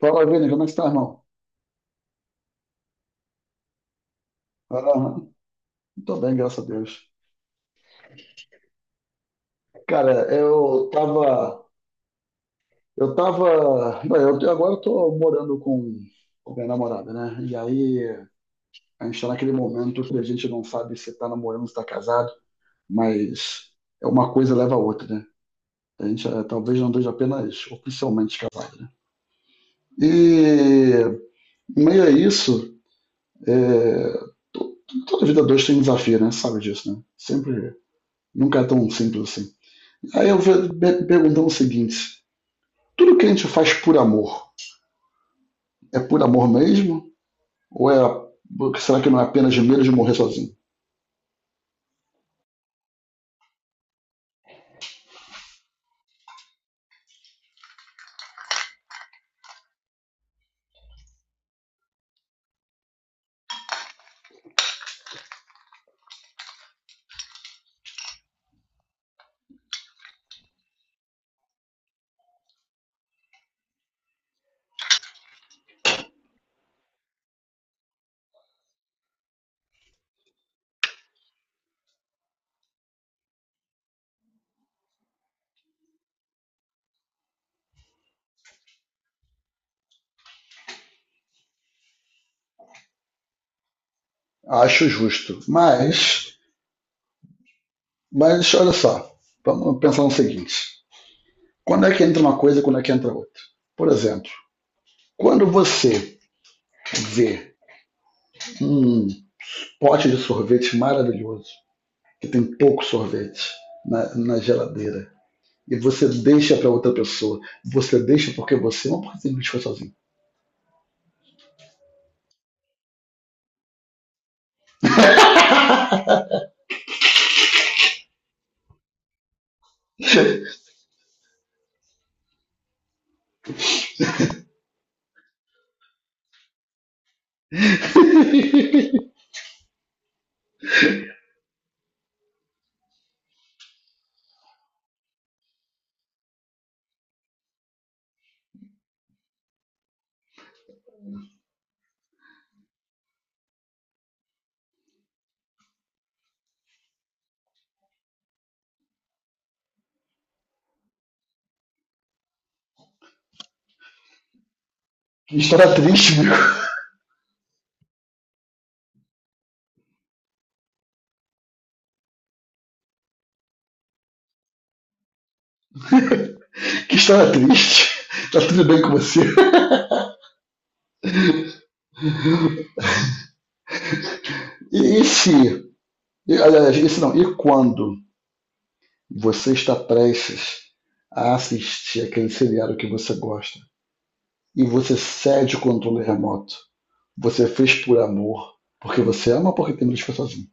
Fala, Vini, como é que está, irmão? Ah, tô bem, graças a Deus. Cara, eu tava, bem, eu, agora eu tô morando com minha namorada, né? E aí a gente tá naquele momento que a gente não sabe se tá namorando, se tá casado, mas é uma coisa leva a outra, né? A gente talvez não esteja apenas oficialmente casado, né? E em meio a isso, eh, to- toda vida dois tem um desafio, né? Sabe disso, né? Sempre, nunca é tão simples assim. Aí eu vou me perguntando o seguinte: tudo que a gente faz por amor é por amor mesmo? Será que não é apenas de medo de morrer sozinho? Acho justo. Mas olha só, vamos pensar no seguinte: quando é que entra uma coisa e quando é que entra outra? Por exemplo, quando você vê um pote de sorvete maravilhoso, que tem pouco sorvete na geladeira, e você deixa para outra pessoa, você deixa porque você não pode ser sozinho. Que história triste, meu. Que estava triste. Tá tudo bem com você? E, e se, e, aliás, e se não, e quando você está prestes a assistir aquele seriado que você gosta e você cede o controle remoto? Você fez por amor, porque você ama ou porque tem medo de ficar sozinho?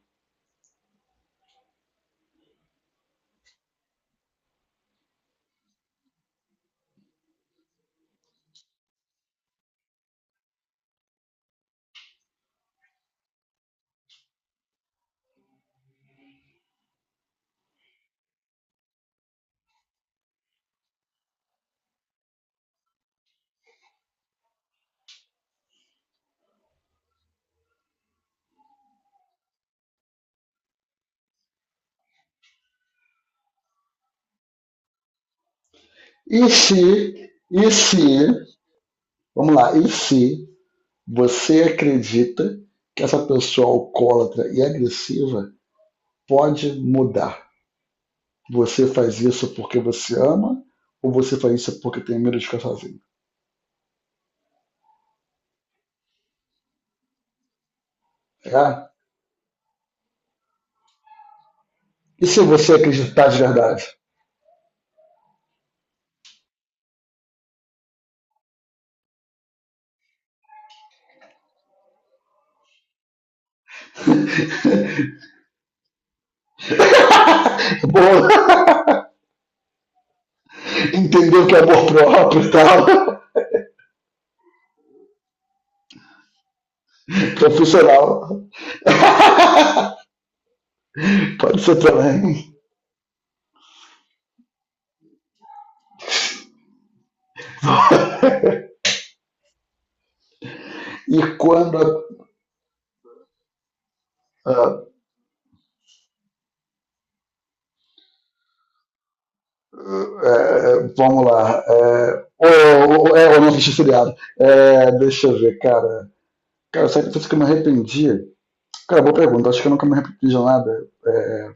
E se, vamos lá, e se você acredita que essa pessoa alcoólatra e agressiva pode mudar? Você faz isso porque você ama ou você faz isso porque tem medo de ficar sozinho? É? E se você acreditar de verdade? Boa, entendeu que é amor próprio e tal, profissional, pode ser também. E quando, ah, é, vamos lá, é, ou, é, ou não assisti seriado, é, deixa eu ver, cara. Cara, sabe que eu me arrependi? Cara, boa pergunta, acho que eu nunca me arrependi de nada. É,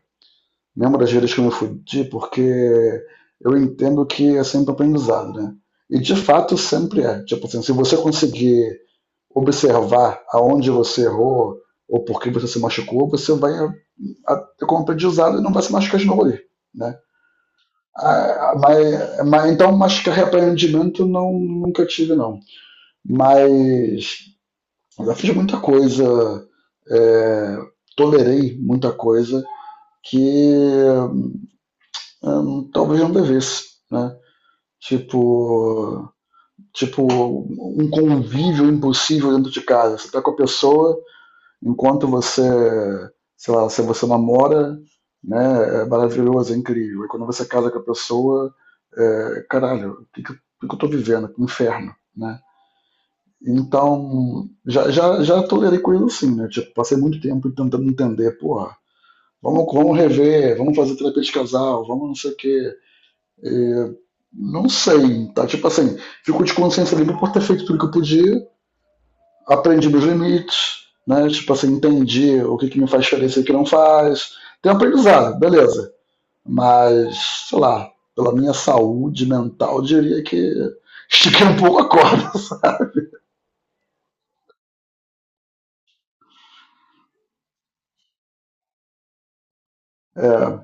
lembro das vezes que eu me fudi, porque eu entendo que é sempre aprendizado, né? E de fato sempre é. Tipo assim, se você conseguir observar aonde você errou ou por que você se machucou, você vai ter como aprendizado e não vai se machucar de novo ali, né? Ah, então, mas que arrependimento não, nunca tive, não. Mas eu já fiz muita coisa, é, tolerei muita coisa que talvez não devesse, né? Tipo, tipo um convívio impossível dentro de casa. Você tá com a pessoa enquanto você, sei lá, se você namora, né, é maravilhoso, é incrível. E quando você casa com a pessoa, é, caralho, o que que eu tô vivendo? Que inferno, né? Então, já tolerei coisas assim, né? Tipo, passei muito tempo tentando entender, porra, vamos rever, vamos fazer terapia de casal, vamos não sei o quê, não sei, tá? Tipo assim, fico de consciência limpa por ter feito tudo que eu podia, aprendi meus limites, né? Tipo assim, entendi que me faz diferença e o que não faz. Tenho aprendizado, beleza. Mas, sei lá, pela minha saúde mental, eu diria que estiquei um pouco a corda. É,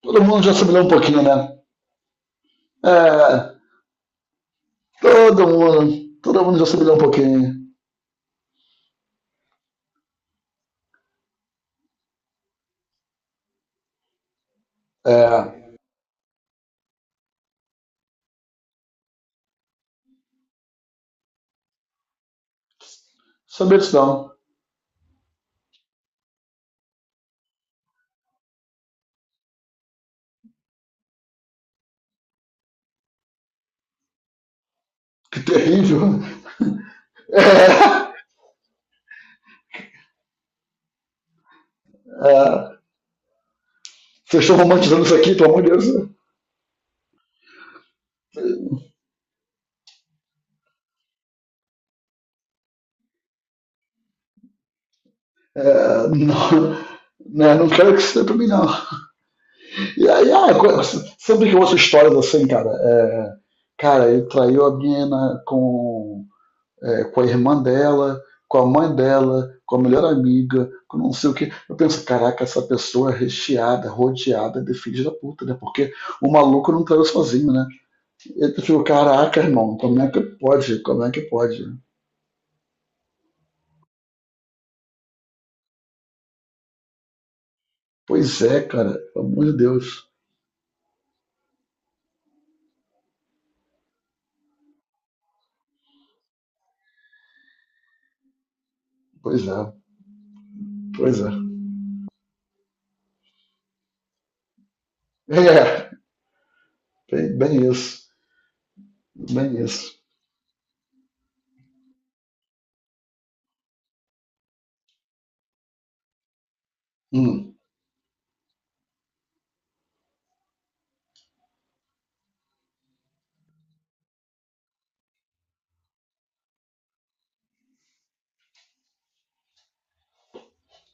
todo mundo já assimilou um pouquinho, né? É, todo mundo já assimilou um pouquinho. É, saber disso não. Que terrível. É, é, vocês estão romantizando isso aqui, pelo amor de Deus. É, não, né, não quero que isso seja pra mim, não. E aí, ah, co- sempre que eu ouço histórias assim, cara, é, cara, ele traiu a menina com, é, com a irmã dela, com a mãe dela, com a melhor amiga, com não sei o quê. Eu penso, caraca, essa pessoa é recheada, rodeada de filhos da puta, né? Porque o maluco não traiu sozinho, né? Eu fico, caraca, irmão, como é que pode? Como é que pode? Pois é, cara, pelo amor de Deus. Pois é, pois é. É. Bem isso. Bem isso. Hum,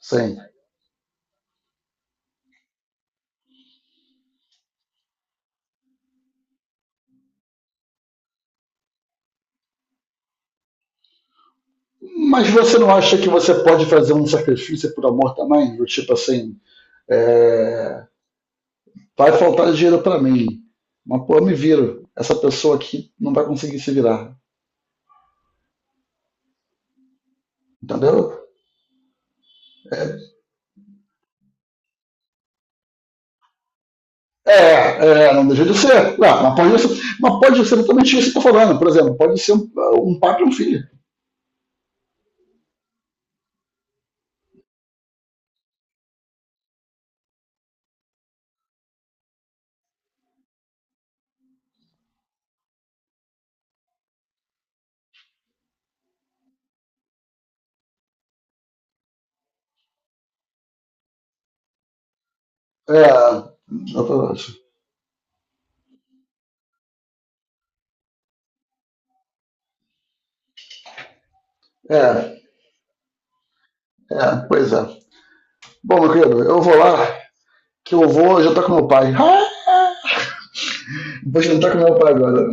sim. Mas você não acha que você pode fazer um sacrifício por amor também? Do tipo assim, é, vai faltar dinheiro para mim. Mas pô, eu me viro. Essa pessoa aqui não vai conseguir se virar. Entendeu? É, é, não deixa de ser. Não, mas, pode ser, mas pode ser totalmente isso que eu tô falando. Por exemplo, pode ser um, um pai e um filho. É, exatamente. É, é, pois é. Bom, meu querido, eu vou lá, que eu vou já tá com meu pai. Ah! Vou jantar com meu pai agora.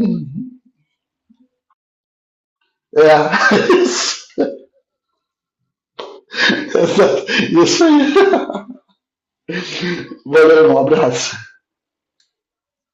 É. Exato. Isso aí. Valeu, um abraço.